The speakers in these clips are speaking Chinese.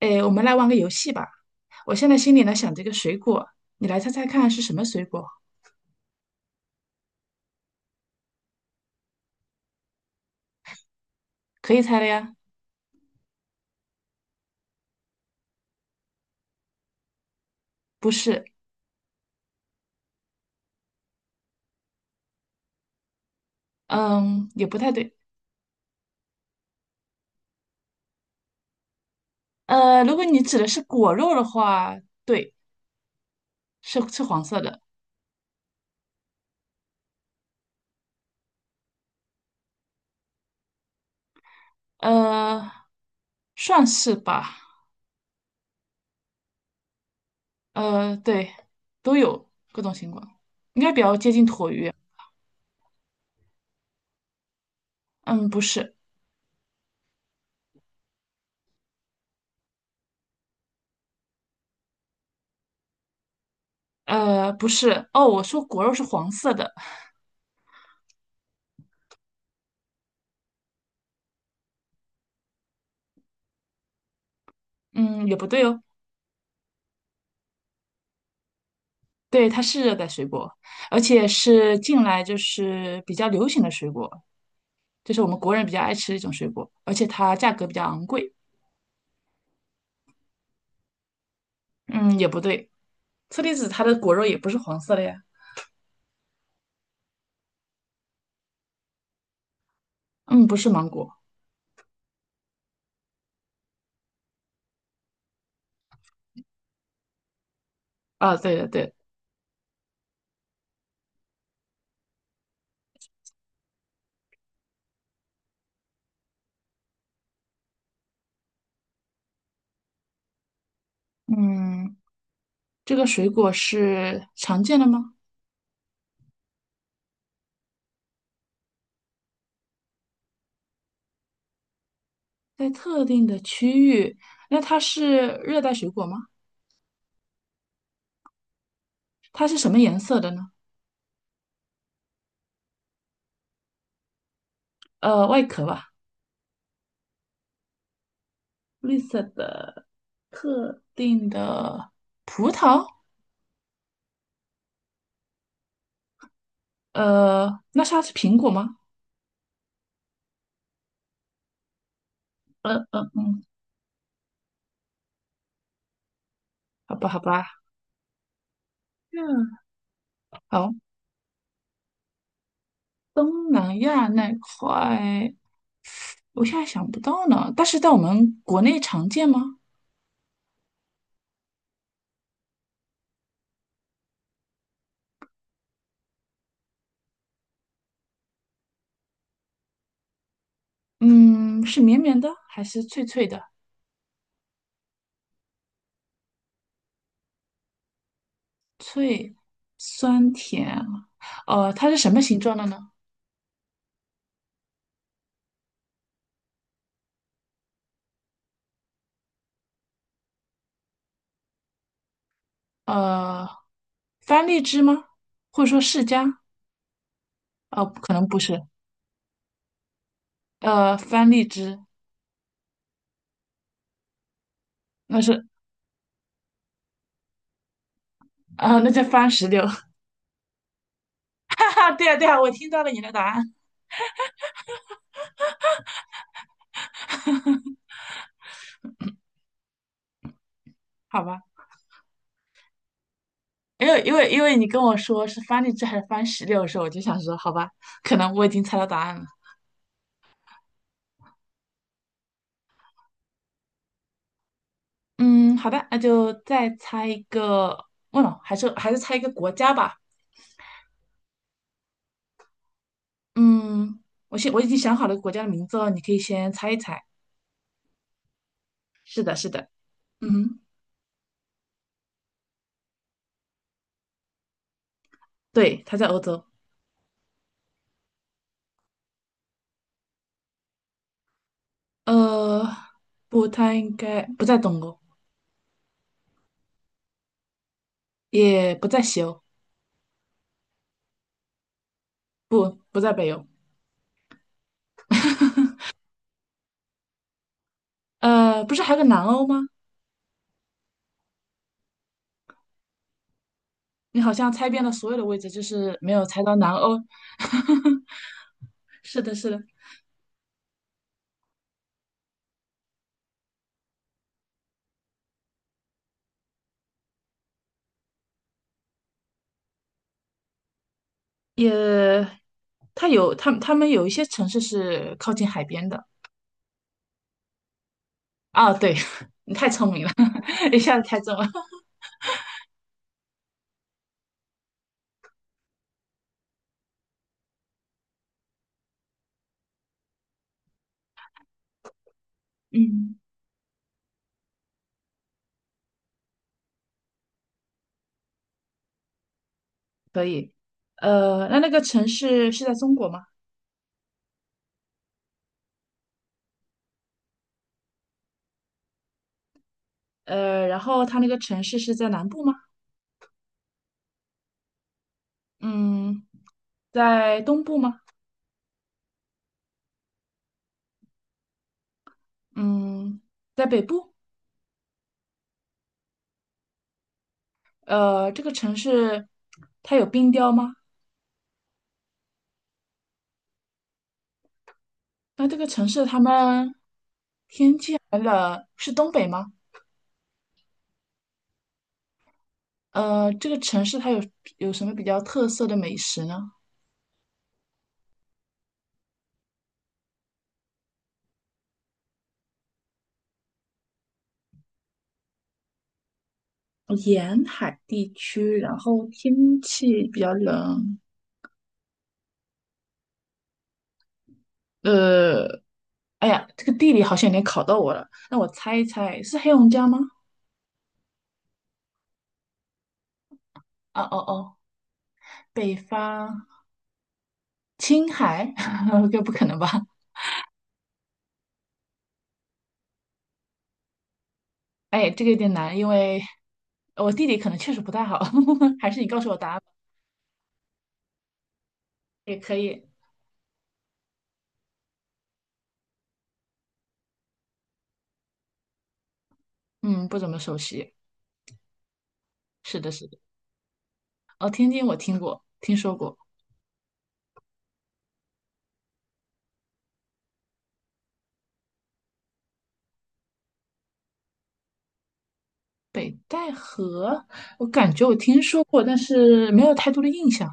诶，我们来玩个游戏吧。我现在心里呢想着一个水果，你来猜猜看是什么水果？可以猜了呀？不是，嗯，也不太对。如果你指的是果肉的话，对，是黄色的，呃，算是吧。对，都有各种情况，应该比较接近椭圆。嗯，不是，不是。哦，我说果肉是黄色的，嗯，也不对哦。对，它是热带水果，而且是近来就是比较流行的水果。这是我们国人比较爱吃的一种水果，而且它价格比较昂贵。嗯，也不对，车厘子它的果肉也不是黄色的呀。嗯，不是芒果啊，对的对的。嗯，这个水果是常见的吗？在特定的区域，那它是热带水果吗？它是什么颜色的呢？外壳吧，绿色的。特定的葡萄，呃，那它是苹果吗？嗯嗯，好吧好吧，嗯，好，东南亚那块我现在想不到呢，但是在我们国内常见吗？嗯，是绵绵的还是脆脆的？脆，酸甜，它是什么形状的呢？呃，番荔枝吗？或者说释迦？可能不是，番荔枝，那是啊、那叫番石榴。哈哈，对呀、对呀、我听到了你的答案，好吧？因为你跟我说是番荔枝还是番石榴的时候，我就想说，好吧，可能我已经猜到答案了。嗯，好的，那就再猜一个，忘了，还是猜一个国家吧。嗯，我已经想好了国家的名字哦，你可以先猜一猜。是的，是的，嗯哼，对，它在欧洲。呃，不，它应该不在东欧，也不在西欧，不，不在北欧。不是还有个南欧吗？你好像猜遍了所有的位置，就是没有猜到南欧。是的，是的，也，它有，他们有一些城市是靠近海边的。啊，对，你太聪明了，一下子猜中了。嗯，可以。那那个城市是在中国吗？然后它那个城市是在南部吗？嗯，在东部吗？嗯，在北部。这个城市它有冰雕吗？那这个城市他们天气寒冷，是东北吗？这个城市它有什么比较特色的美食呢？沿海地区，然后天气比较冷，呃，哎呀，这个地理好像有点考到我了。那我猜一猜，是黑龙江吗？啊哦哦，北方青海，这不可能吧？哎，这个有点难，因为我地理可能确实不太好，还是你告诉我答案吧。也可以。嗯，不怎么熟悉。是的，是的。哦，天津我听过，听说过。北戴河，我感觉我听说过，但是没有太多的印象。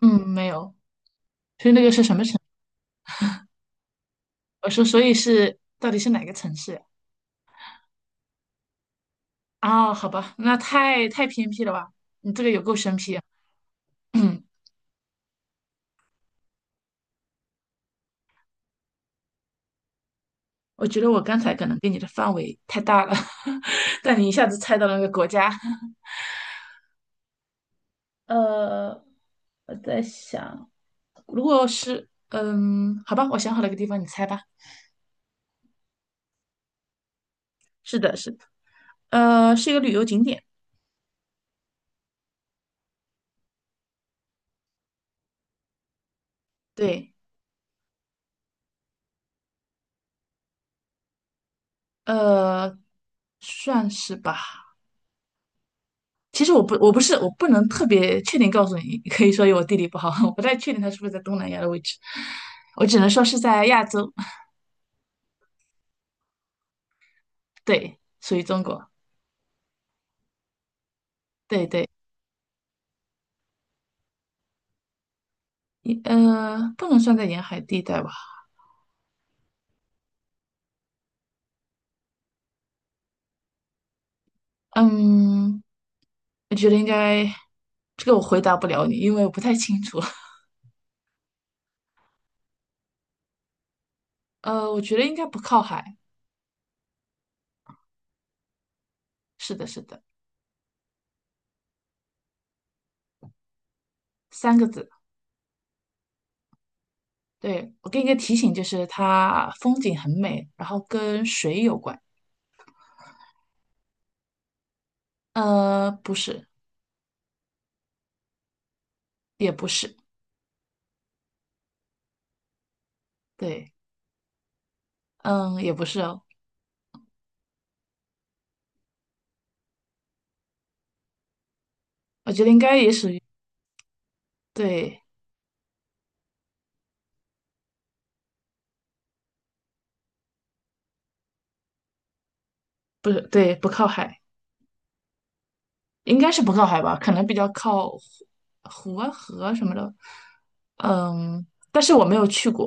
嗯，没有。所以那个是什么城？我说，所以是到底是哪个城市呀？啊，好吧，那太偏僻了吧？你这个也够生僻啊。嗯，我觉得我刚才可能给你的范围太大了，但你一下子猜到了那个国家。呃，我在想，如果是，嗯，好吧，我想好了一个地方，你猜吧。是的，是的，是一个旅游景点，对，呃，算是吧。其实我不是，我不能特别确定告诉你，可以说有我地理不好，我不太确定它是不是在东南亚的位置，我只能说是在亚洲。对，属于中国，对对，不能算在沿海地带吧，嗯，我觉得应该，这个我回答不了你，因为我不太清楚，我觉得应该不靠海，是的，是的，三个字，对，我给你个提醒，就是它风景很美，然后跟水有关，不是，也不是，对，嗯，也不是哦，我觉得应该也属于，对，不是，对，不靠海。应该是不靠海吧，可能比较靠湖啊河啊什么的。嗯，但是我没有去过。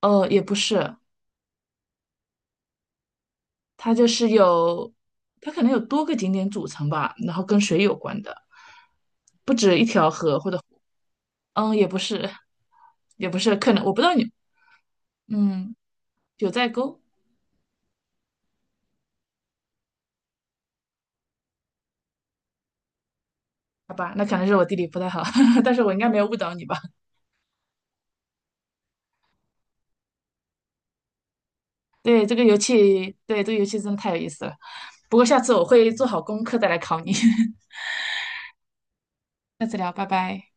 也不是，它就是有，它可能有多个景点组成吧，然后跟水有关的。嗯，也不是，也不是，可能我不知道你，嗯，九寨沟，好吧，那可能是我地理不太好，但是我应该没有误导你吧？对，这个游戏，对，这个游戏真的太有意思了。不过下次我会做好功课再来考你。下次聊，拜拜。